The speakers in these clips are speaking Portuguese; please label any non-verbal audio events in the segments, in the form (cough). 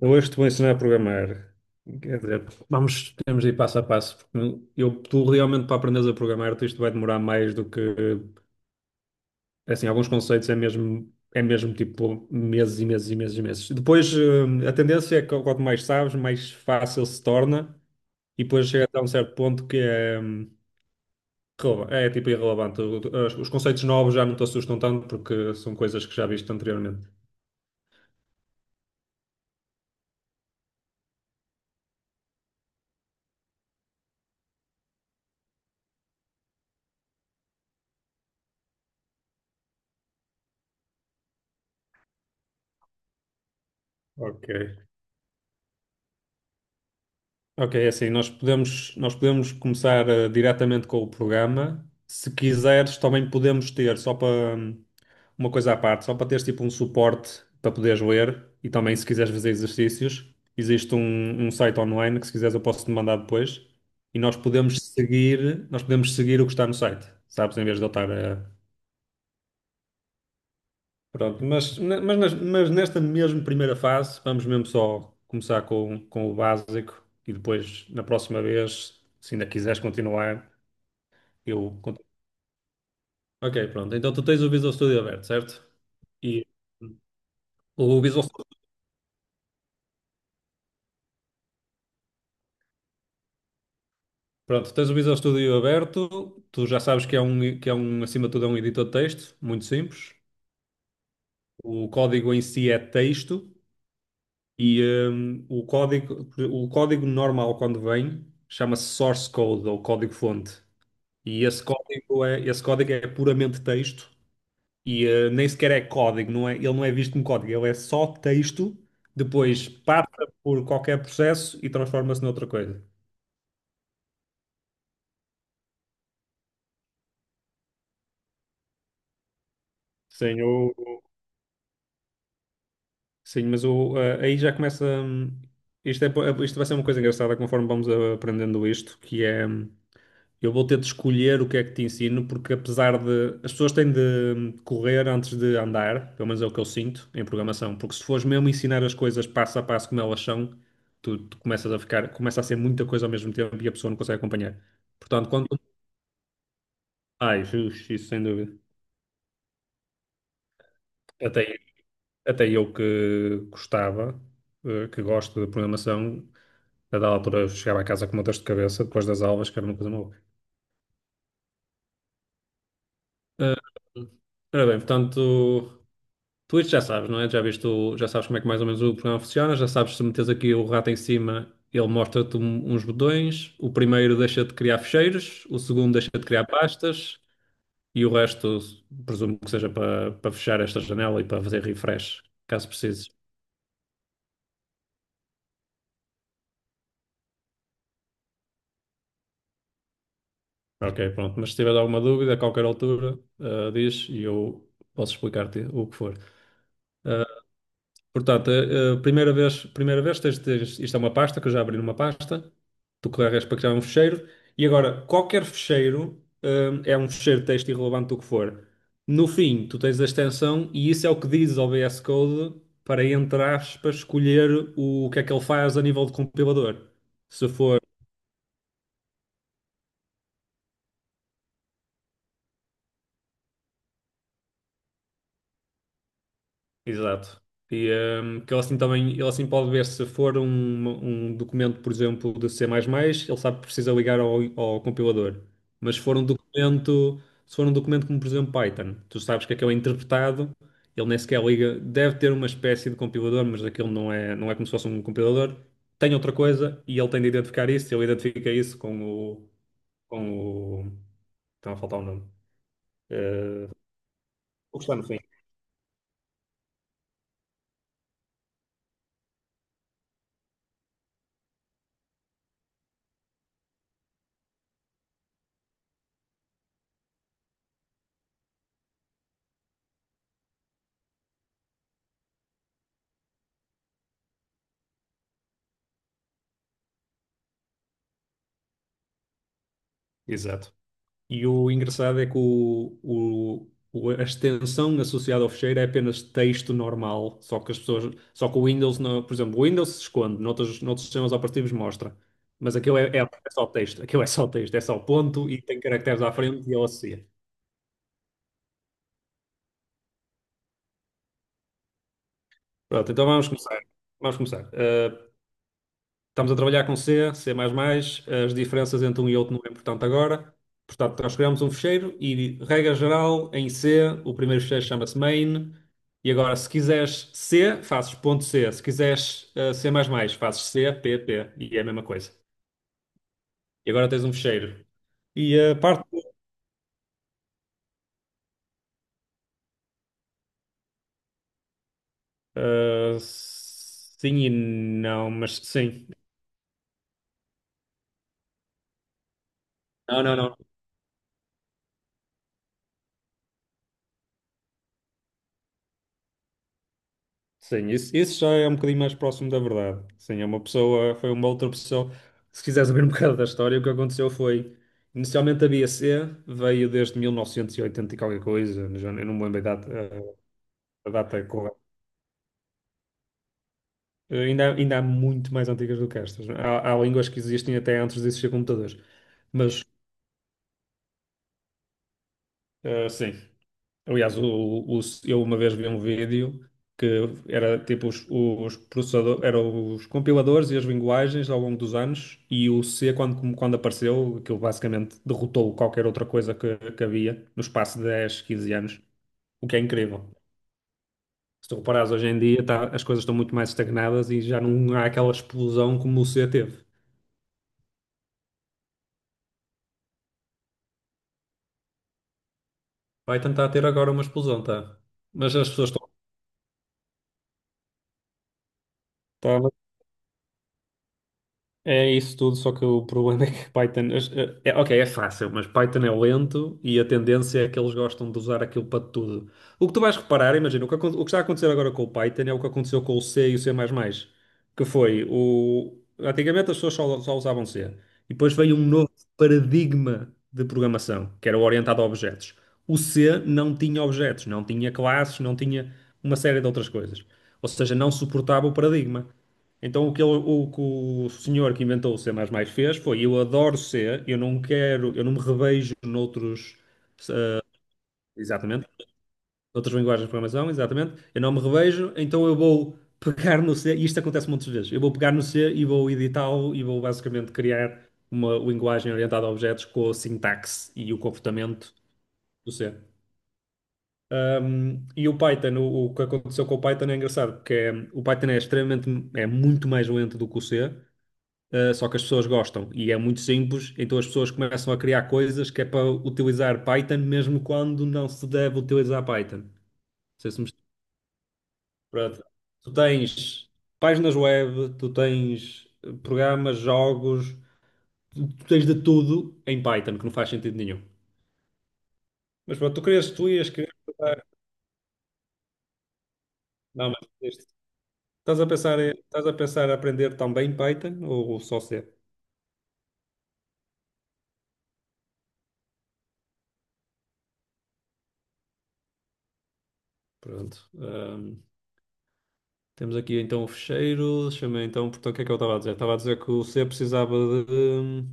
Eu hoje te vou ensinar a programar. Quer dizer, vamos, temos de ir passo a passo, porque tu realmente para aprenderes a programar, tu isto vai demorar mais do que, assim, alguns conceitos é mesmo tipo meses e meses e meses e meses. Depois, a tendência é que quanto mais sabes, mais fácil se torna, e depois chega até um certo ponto que é, é tipo irrelevante. Os conceitos novos já não te assustam tanto, porque são coisas que já viste anteriormente. Ok. Ok, é assim, nós podemos começar diretamente com o programa. Se quiseres, também podemos ter, só para uma coisa à parte, só para teres tipo um suporte para poderes ler e também se quiseres fazer exercícios, existe um site online que se quiseres eu posso te mandar depois e nós podemos seguir o que está no site, sabes? Em vez de eu estar a... Pronto, mas nesta mesmo primeira fase, vamos mesmo só começar com o básico e depois, na próxima vez, se ainda quiseres continuar, eu continuo. Ok, pronto. Então tu tens o Visual Studio aberto, certo? E o Visual... Pronto, tens o Visual Studio aberto, tu já sabes que é um, acima de tudo, é um editor de texto, muito simples. O código em si é texto e o código normal quando vem chama-se source code ou código-fonte. E esse código é puramente texto e nem sequer é código, não é, ele não é visto como código, ele é só texto, depois passa por qualquer processo e transforma-se noutra coisa. Sim, eu- sim, mas aí já começa. Isto, é, isto vai ser uma coisa engraçada conforme vamos aprendendo isto, que é. Eu vou ter de escolher o que é que te ensino, porque apesar de... As pessoas têm de correr antes de andar, pelo menos é o que eu sinto em programação, porque se fores mesmo ensinar as coisas passo a passo como elas são, tu começas a ficar. Começa a ser muita coisa ao mesmo tempo e a pessoa não consegue acompanhar. Portanto, quando... Ai, Jesus, isso sem dúvida. Até, até eu que gostava, que gosto de programação, a dada altura eu chegava a casa com uma dor de cabeça depois das aulas, que era uma coisa maluca. Eh, Ora bem, portanto, tu isto já sabes, não é? Já viste já sabes como é que mais ou menos o programa funciona, já sabes se metes aqui o rato em cima, ele mostra-te uns botões, o primeiro deixa-te criar ficheiros, o segundo deixa-te criar pastas e o resto presumo que seja para, para fechar esta janela e para fazer refresh, caso precises. Ok, pronto. Mas se tiver alguma dúvida, a qualquer altura, diz e eu posso explicar-te o que for. Eh, Portanto, a primeira vez tens de... isto é uma pasta, que eu já abri numa pasta, tu carregas para criar um fecheiro, e agora, qualquer fecheiro, é um fecheiro de texto irrelevante do que for. No fim, tu tens a extensão, e isso é o que diz ao VS Code para, entre aspas, escolher o, que é que ele faz a nível de compilador. Se for... Exato. E que ele assim também, ele assim pode ver se for um documento, por exemplo, de C++, ele sabe que precisa ligar ao compilador. Mas se for um documento, se for um documento como, por exemplo, Python, tu sabes que aquele é interpretado, ele nem sequer liga, deve ter uma espécie de compilador, mas aquilo não é, não é como se fosse um compilador. Tem outra coisa e ele tem de identificar isso, ele identifica isso com o, o, estava a faltar o nome. Eh, o que está no fim. Exato. E o engraçado é que a extensão associada ao fecheiro é apenas texto normal, só que as pessoas, só que o Windows, por exemplo, o Windows se esconde, noutros sistemas operativos mostra, mas aquilo é, é só texto, aquilo é só texto, é só ponto e tem caracteres à frente e ele associa. Pronto, então vamos começar. Vamos começar. Estamos a trabalhar com C, C++, as diferenças entre um e outro não é importante agora. Portanto, nós criamos um ficheiro e, regra geral, em C, o primeiro ficheiro chama-se main. E agora, se quiseres C, fazes ponto .c. Se quiseres C++, fazes C, P, P. E é a mesma coisa. E agora tens um ficheiro. E a parte... sim e não, mas sim. Não, não, não. Sim, isso já é um bocadinho mais próximo da verdade. Sim, é uma pessoa, foi uma outra pessoa. Se quiseres saber um (laughs) bocado da história, o que aconteceu foi, inicialmente a B A C veio desde 1980 e oitenta e qualquer coisa, já eu não me lembro a data correta. Ainda, ainda há muito mais antigas do que estas. Há, há línguas que existem até antes de existir computadores. Mas, sim. Aliás, eu uma vez vi um vídeo que era tipo os processadores, eram os compiladores e as linguagens ao longo dos anos, e o C, quando apareceu, aquilo basicamente derrotou qualquer outra coisa que havia no espaço de 10 15 anos, o que é incrível. Se tu reparares, hoje em dia as coisas estão muito mais estagnadas e já não há aquela explosão como o C teve. Vai tentar ter agora uma explosão, tá? Mas as pessoas estão... É isso tudo, só que o problema é que Python... É, ok, é fácil, mas Python é lento e a tendência é que eles gostam de usar aquilo para tudo. O que tu vais reparar, imagina, o que está a acontecer agora com o Python é o que aconteceu com o C e o C++, que foi o... Antigamente as pessoas só usavam C. E depois veio um novo paradigma de programação, que era o orientado a objetos. O C não tinha objetos, não tinha classes, não tinha uma série de outras coisas. Ou seja, não suportava o paradigma. Então, o que o senhor que inventou o C++ fez foi: eu adoro C, eu não me revejo noutros... exatamente, noutras linguagens de programação, exatamente, eu não me revejo, então eu vou pegar no C, e isto acontece muitas vezes, eu vou pegar no C e vou editá-lo e vou basicamente criar uma linguagem orientada a objetos com a sintaxe e o comportamento do C. E o Python, o que aconteceu com o Python é engraçado, porque é, o Python é extremamente, é muito mais lento do que o C. Só que as pessoas gostam e é muito simples, então as pessoas começam a criar coisas que é para utilizar Python mesmo quando não se deve utilizar Python. Não sei se me... Pronto. Tu tens páginas web, tu tens programas, jogos, tu tens de tudo em Python, que não faz sentido nenhum. Mas pronto, tu querias, tu ias querer... Não, mas isto... estás a pensar em aprender também Python ou só C? Pronto. Temos aqui então o fecheiro. Deixa-me então, portanto, o que é que eu estava a dizer? Estava a dizer que o C precisava de...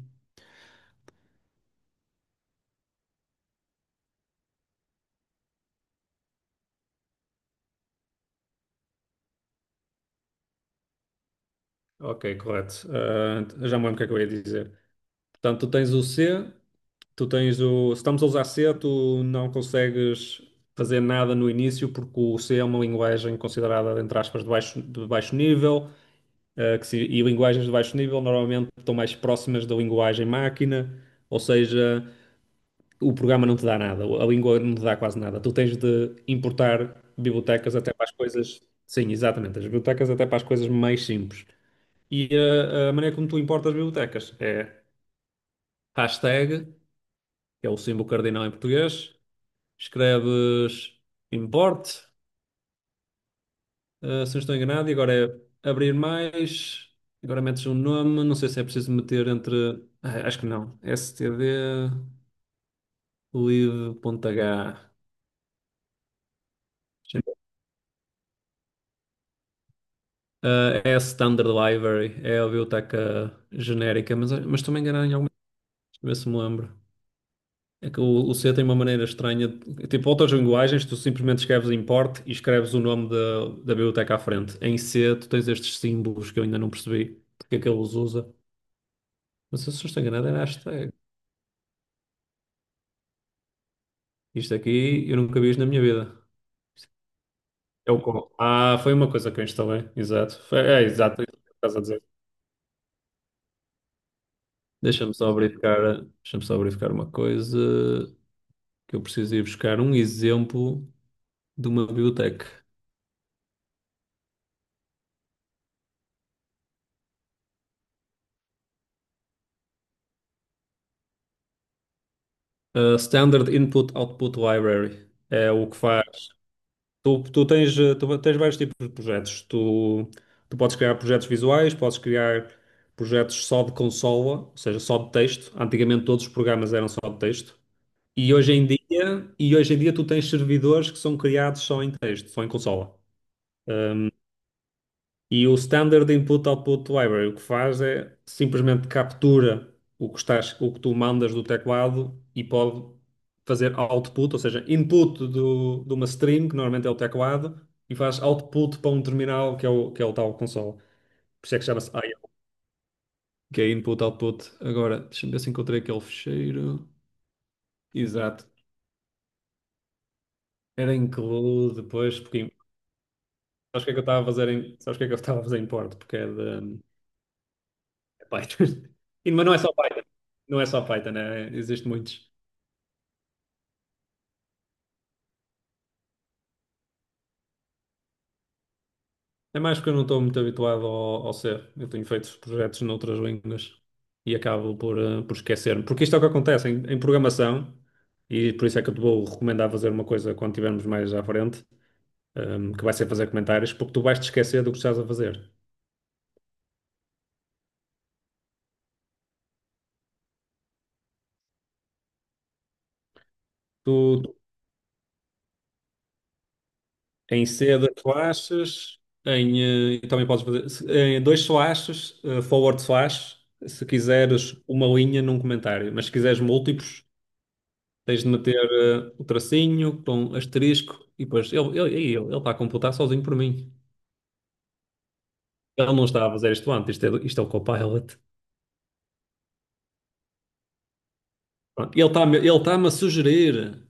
Ok, correto. Ah, já me lembro o que é que eu ia dizer. Portanto, tu tens o C, tu tens o... Se estamos a usar C, tu não consegues fazer nada no início, porque o C é uma linguagem considerada, entre aspas, de baixo nível, que se- e linguagens de baixo nível normalmente estão mais próximas da linguagem máquina, ou seja, o programa não te dá nada, a língua não te dá quase nada. Tu tens de importar bibliotecas até para as coisas. Sim, exatamente, as bibliotecas até para as coisas mais simples. E a maneira como tu importas bibliotecas é hashtag, que é o símbolo cardinal em português, escreves import, se não estou enganado, e agora é abrir mais, agora metes um nome, não sei se é preciso meter entre... acho que não, std live.h. Ah, é a Standard Library, é a biblioteca genérica, mas estou-me a enganar em alguma coisa, a ver se me lembro. É que o C tem uma maneira estranha. Tipo, outras linguagens, tu simplesmente escreves import e escreves o nome da biblioteca à frente. Em C, tu tens estes símbolos que eu ainda não percebi porque é que ele os usa. Não sei se eu estou enganado, era hashtag. Isto aqui eu nunca vi isto na minha vida. É o Ah, foi uma coisa que eu instalei, exato. É, exato, é isso que estás a dizer. Deixa-me só verificar uma coisa. Que eu preciso ir buscar um exemplo de uma biblioteca. A Standard Input Output Library é o que faz. Tu tens, tu tens vários tipos de projetos. Tu, tu podes criar projetos visuais, podes criar projetos só de consola, ou seja, só de texto. Antigamente todos os programas eram só de texto. E hoje em dia tu tens servidores que são criados só em texto, só em consola. E o Standard Input Output Library o que faz é simplesmente captura o que o que tu mandas do teclado e pode fazer output, ou seja, input de uma string, que normalmente é o teclado, e faz output para um terminal que é que é o tal console. Por isso é que chama-se IO. Que é input, output. Agora, deixa-me ver se encontrei aquele ficheiro. Exato. Era include depois, porque sabes o que é que eu estava a fazer sabes o que é que eu estava a fazer em Porto? Porque é de é Python. (laughs) Mas não é só Python. Não é só Python, né? Existem muitos. É mais que eu não estou muito habituado ao C. Eu tenho feito projetos noutras línguas e acabo por, por esquecer-me. Porque isto é o que acontece em programação, e por isso é que eu te vou recomendar fazer uma coisa quando estivermos mais à frente, que vai ser fazer comentários, porque tu vais te esquecer do que estás a fazer. Tu, tu- Em C das slashes, em, e também podes fazer em dois slashes, forward slash, se quiseres uma linha num comentário, mas se quiseres múltiplos. Tens de meter o tracinho com asterisco e depois ele está a computar sozinho por mim. Ele não está a fazer isto antes, isto é o Copilot. Pronto, ele está-me a sugerir.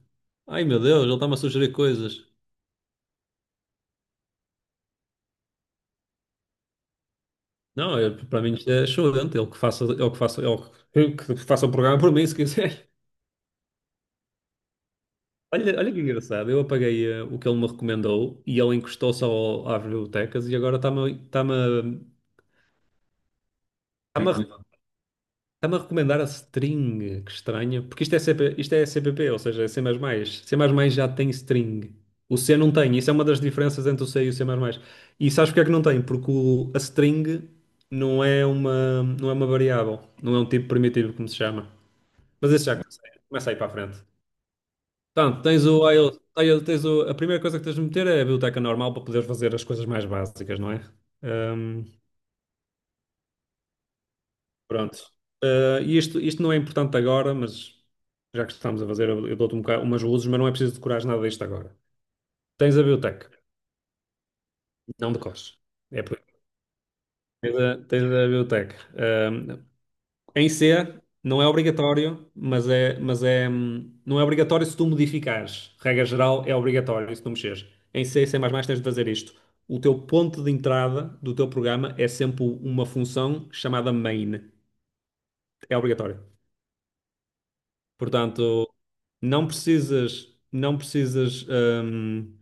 Ai meu Deus, ele está-me a sugerir coisas. Não, para mim isto é excelente. Ele que faça, ele que faça, ele que faça o programa por mim, se quiser. (laughs) Olha, olha que engraçado. Eu apaguei o que ele me recomendou e ele encostou só às bibliotecas e agora está-me a está-me a recomendar a string, que estranho. Porque isto é, isto é C P P, ou seja, é C++. C++ já tem string. O C não tem. Isso é uma das diferenças entre o C e o C++. E sabes porque é que não tem? Porque a string não é uma, não é uma variável. Não é um tipo primitivo, como se chama. Mas esse já começa, começa aí para a frente. Portanto, tens IO aí tens a primeira coisa que tens de meter é a biblioteca normal para poderes fazer as coisas mais básicas, não é? Pronto. E isto não é importante agora, mas já que estamos a fazer, eu dou-te um umas luzes, mas não é preciso decorar nada disto agora. Tens a biotec, não decores. É por- Tens a, tens a biotec. Em C, não é obrigatório, mas é, não é obrigatório se tu modificares. Regra geral, é obrigatório se tu mexeres. Em C, e C++, tens de fazer isto. O teu ponto de entrada do teu programa é sempre uma função chamada main. É obrigatório. Portanto, não precisas, não precisas hum,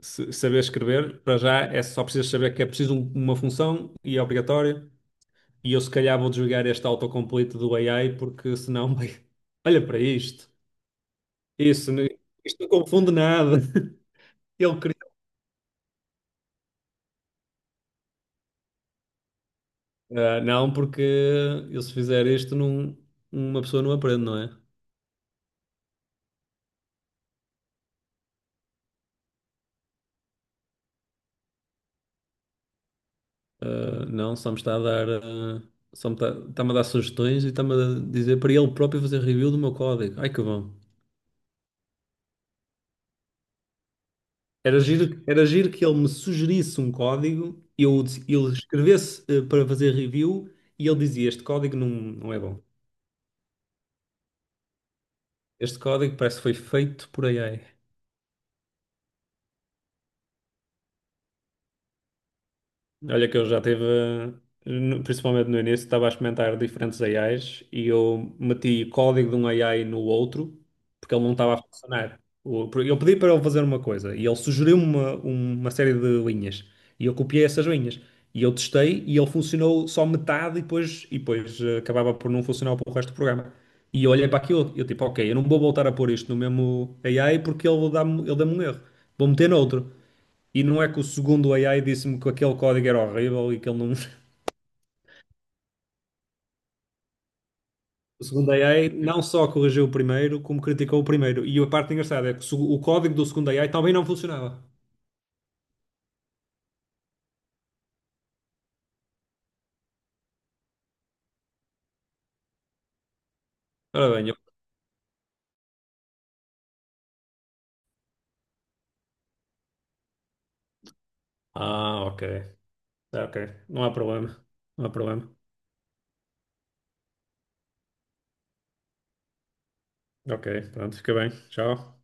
saber escrever, para já é só precisas saber que é preciso uma função e é obrigatória. E eu se calhar vou desligar este autocomplete do AI porque senão, (laughs) olha para isto. Isso, isto não confunde nada. (laughs) Ele cria. Ah, não, porque eu se fizer isto, não, uma pessoa não aprende, não é? Ah, não, só me está a dar, está-me a dar sugestões e está-me a dizer para ele próprio fazer review do meu código. Ai que bom. Era giro que ele me sugerisse um código, ele escrevesse para fazer review e ele dizia: Este código não, não é bom. Este código parece que foi feito por AI. Olha que eu já tive, principalmente no início, estava a experimentar diferentes AIs e eu meti código de um AI no outro porque ele não estava a funcionar. Eu pedi para ele fazer uma coisa e ele sugeriu-me uma série de linhas e eu copiei essas linhas e eu testei e ele funcionou só metade e depois acabava por não funcionar para o resto do programa. E eu olhei para aquilo e eu tipo, ok, eu não vou voltar a pôr isto no mesmo AI porque ele dá-me um erro. Vou meter noutro. E não é que o segundo AI disse-me que aquele código era horrível e que ele não. (laughs) O segundo AI não só corrigiu o primeiro, como criticou o primeiro. E a parte engraçada é que o o código do segundo AI também não funcionava. Ora bem, eu... Ah, ok. Ah, ok. Não há problema. Não há problema. Ok, pronto, fica bem. Tchau.